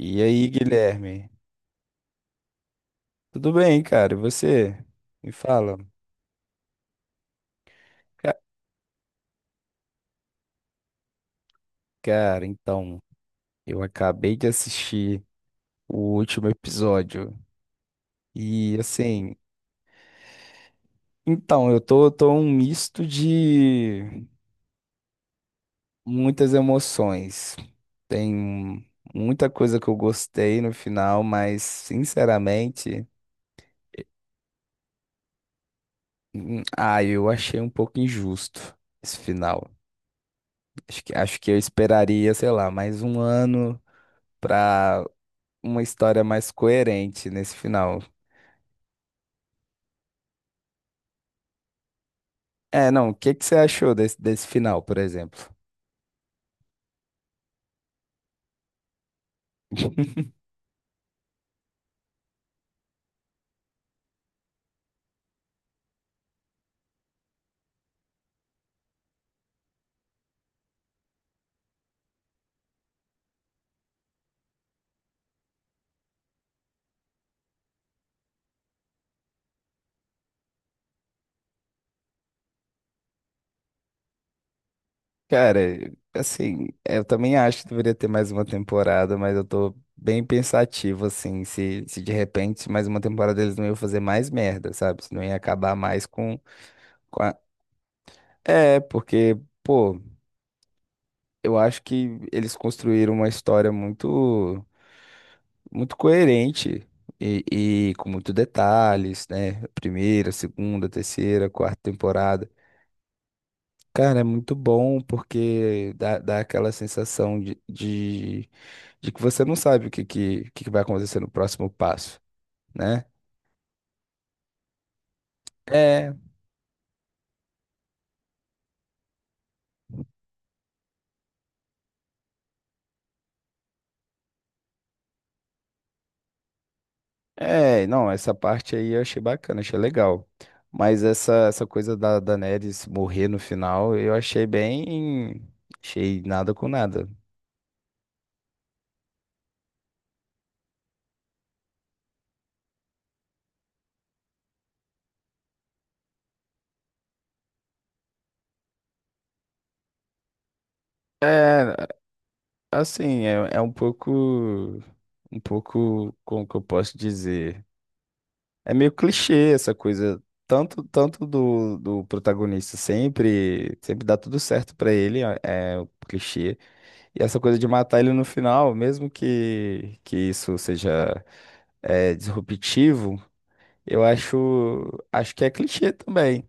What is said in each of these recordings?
E aí, Guilherme? Tudo bem, cara? E você? Me fala. Ca- Cara, então, eu acabei de assistir o último episódio. E assim, então, eu tô um misto de muitas emoções. Tem muita coisa que eu gostei no final, mas sinceramente, eu achei um pouco injusto esse final. Acho que eu esperaria, sei lá, mais um ano. Pra uma história mais coerente nesse final. É, não, o que que você achou desse final, por exemplo? Cara, assim, eu também acho que deveria ter mais uma temporada, mas eu tô bem pensativo, assim, se de repente mais uma temporada eles não iam fazer mais merda, sabe? Se não ia acabar mais com a... É, porque, pô, eu acho que eles construíram uma história muito coerente e, e com muitos detalhes, né? Primeira, segunda, terceira, quarta temporada. Cara, é muito bom porque dá aquela sensação de que você não sabe o que vai acontecer no próximo passo, né? É, é, não, essa parte aí eu achei bacana, achei legal. Mas essa coisa da Daenerys morrer no final, eu achei bem. Achei nada com nada. É. Assim, é um pouco, como que eu posso dizer? É meio clichê essa coisa, tanto do protagonista sempre dá tudo certo pra ele, é o clichê. E essa coisa de matar ele no final, mesmo que isso seja disruptivo, eu acho que é clichê também.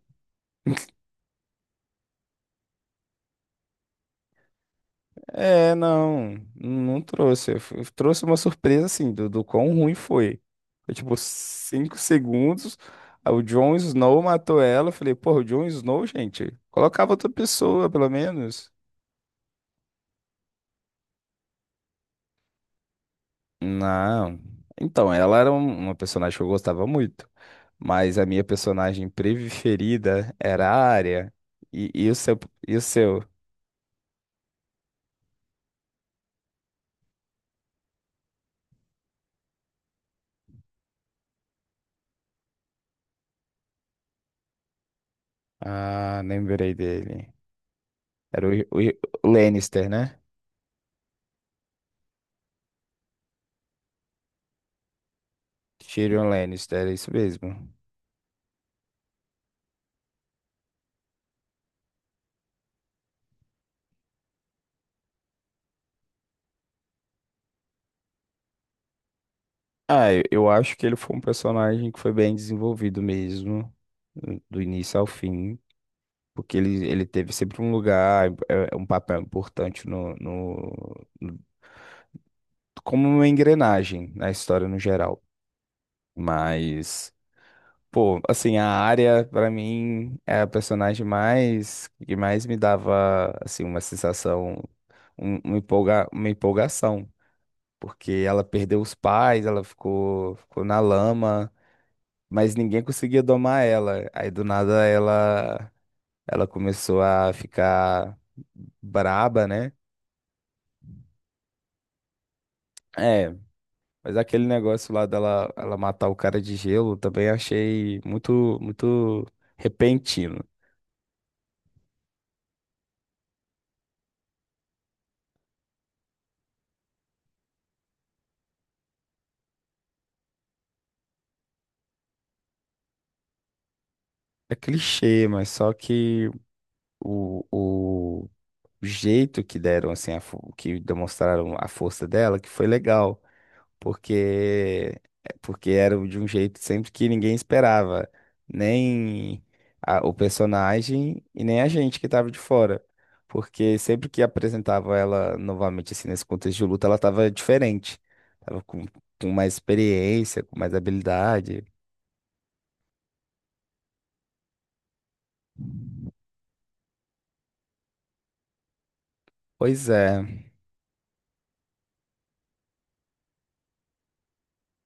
É, não, não trouxe. Trouxe uma surpresa, assim, do quão ruim foi. Foi tipo 5 segundos, aí o Jon Snow matou ela. Eu falei, porra, o Jon Snow, gente, colocava outra pessoa, pelo menos. Não. Então, ela era uma personagem que eu gostava muito, mas a minha personagem preferida era a Arya. E, e o seu, e o seu? Ah, lembrei dele. Era o o Lannister, né? Tyrion Lannister, é isso mesmo. Ah, eu acho que ele foi um personagem que foi bem desenvolvido mesmo, do início ao fim, porque ele teve sempre um lugar, um papel importante no- como uma engrenagem na história no geral. Mas, pô, assim, a área pra mim, é a personagem que mais me dava, assim, uma sensação, uma empolgação, porque ela perdeu os pais, ela ficou na lama. Mas ninguém conseguia domar ela. Aí do nada ela começou a ficar braba, né? É, mas aquele negócio lá dela ela matar o cara de gelo também achei muito muito repentino. É clichê, mas só que o jeito que deram assim que demonstraram a força dela que foi legal. porque porque era de um jeito sempre que ninguém esperava, nem o personagem e nem a gente que estava de fora. Porque sempre que apresentava ela novamente assim nesse contexto de luta, ela estava diferente, tava com mais experiência, com mais habilidade. Pois é,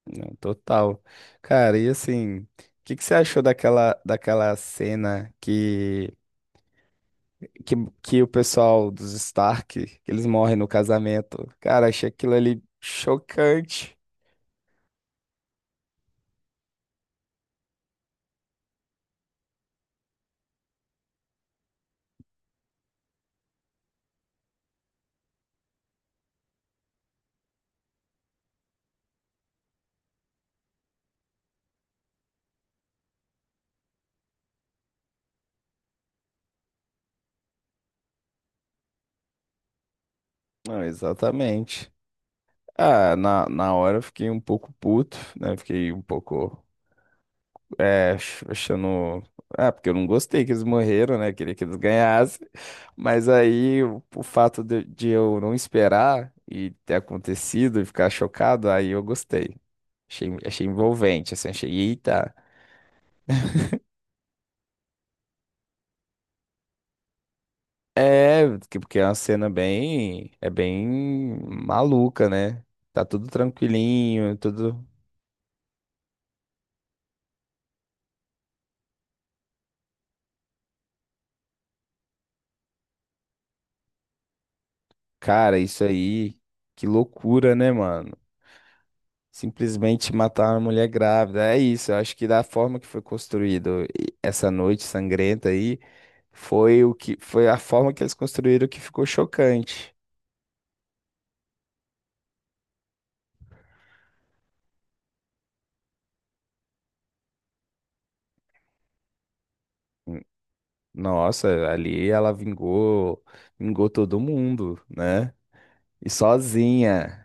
não, total. Cara, e assim, o que que você achou daquela cena que, que o pessoal dos Stark, eles morrem no casamento. Cara, achei aquilo ali chocante. Não, exatamente. Ah, na hora eu fiquei um pouco puto, né? Fiquei um pouco, achando... Ah, porque eu não gostei que eles morreram, né? Queria que eles ganhassem. Mas aí, o fato de eu não esperar e ter acontecido e ficar chocado, aí eu gostei. Achei envolvente, assim, achei, eita. É, porque é uma cena é bem maluca, né? Tá tudo tranquilinho, tudo. Cara, isso aí, que loucura, né, mano? Simplesmente matar uma mulher grávida. É isso, eu acho que da forma que foi construído essa noite sangrenta aí, foi a forma que eles construíram que ficou chocante. Nossa, ali ela vingou todo mundo, né? E sozinha.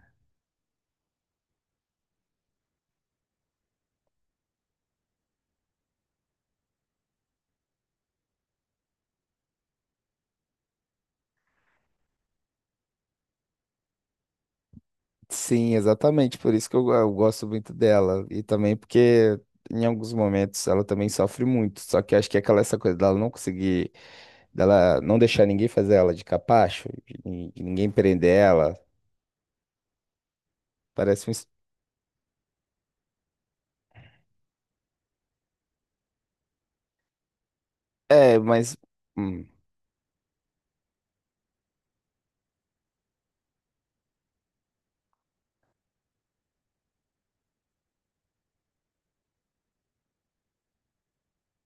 Sim, exatamente, por isso que eu gosto muito dela. E também porque em alguns momentos ela também sofre muito. Só que eu acho que é aquela essa coisa dela não deixar ninguém fazer ela de capacho, de ninguém prender ela. Parece um. É, mas hum,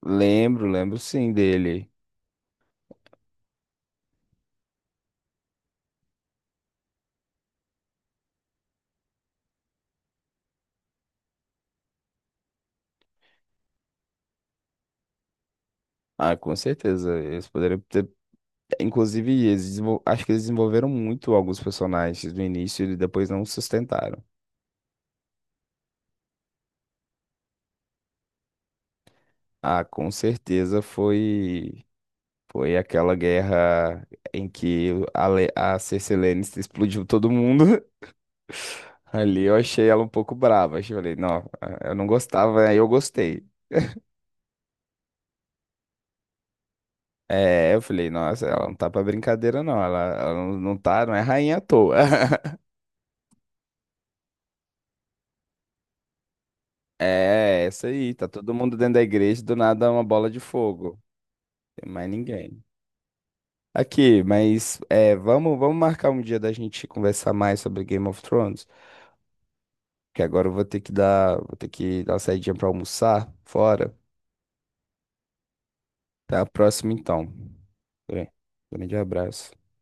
lembro sim dele. Ah, com certeza. Eles poderiam ter. Inclusive, eles acho que eles desenvolveram muito alguns personagens no início e depois não sustentaram. Ah, com certeza foi. Foi aquela guerra em que a Cersei Lannister explodiu todo mundo. Ali eu achei ela um pouco brava. Eu falei, não, eu não gostava, aí eu gostei. É, eu falei, nossa, ela não tá pra brincadeira, não. Ela não é rainha à toa. É, essa aí, tá todo mundo dentro da igreja, do nada uma bola de fogo. Tem mais ninguém. Aqui, mas é, vamos marcar um dia da gente conversar mais sobre Game of Thrones? Que agora eu vou ter que dar, uma saidinha pra almoçar fora. Até a próxima, então. Grande grande abraço.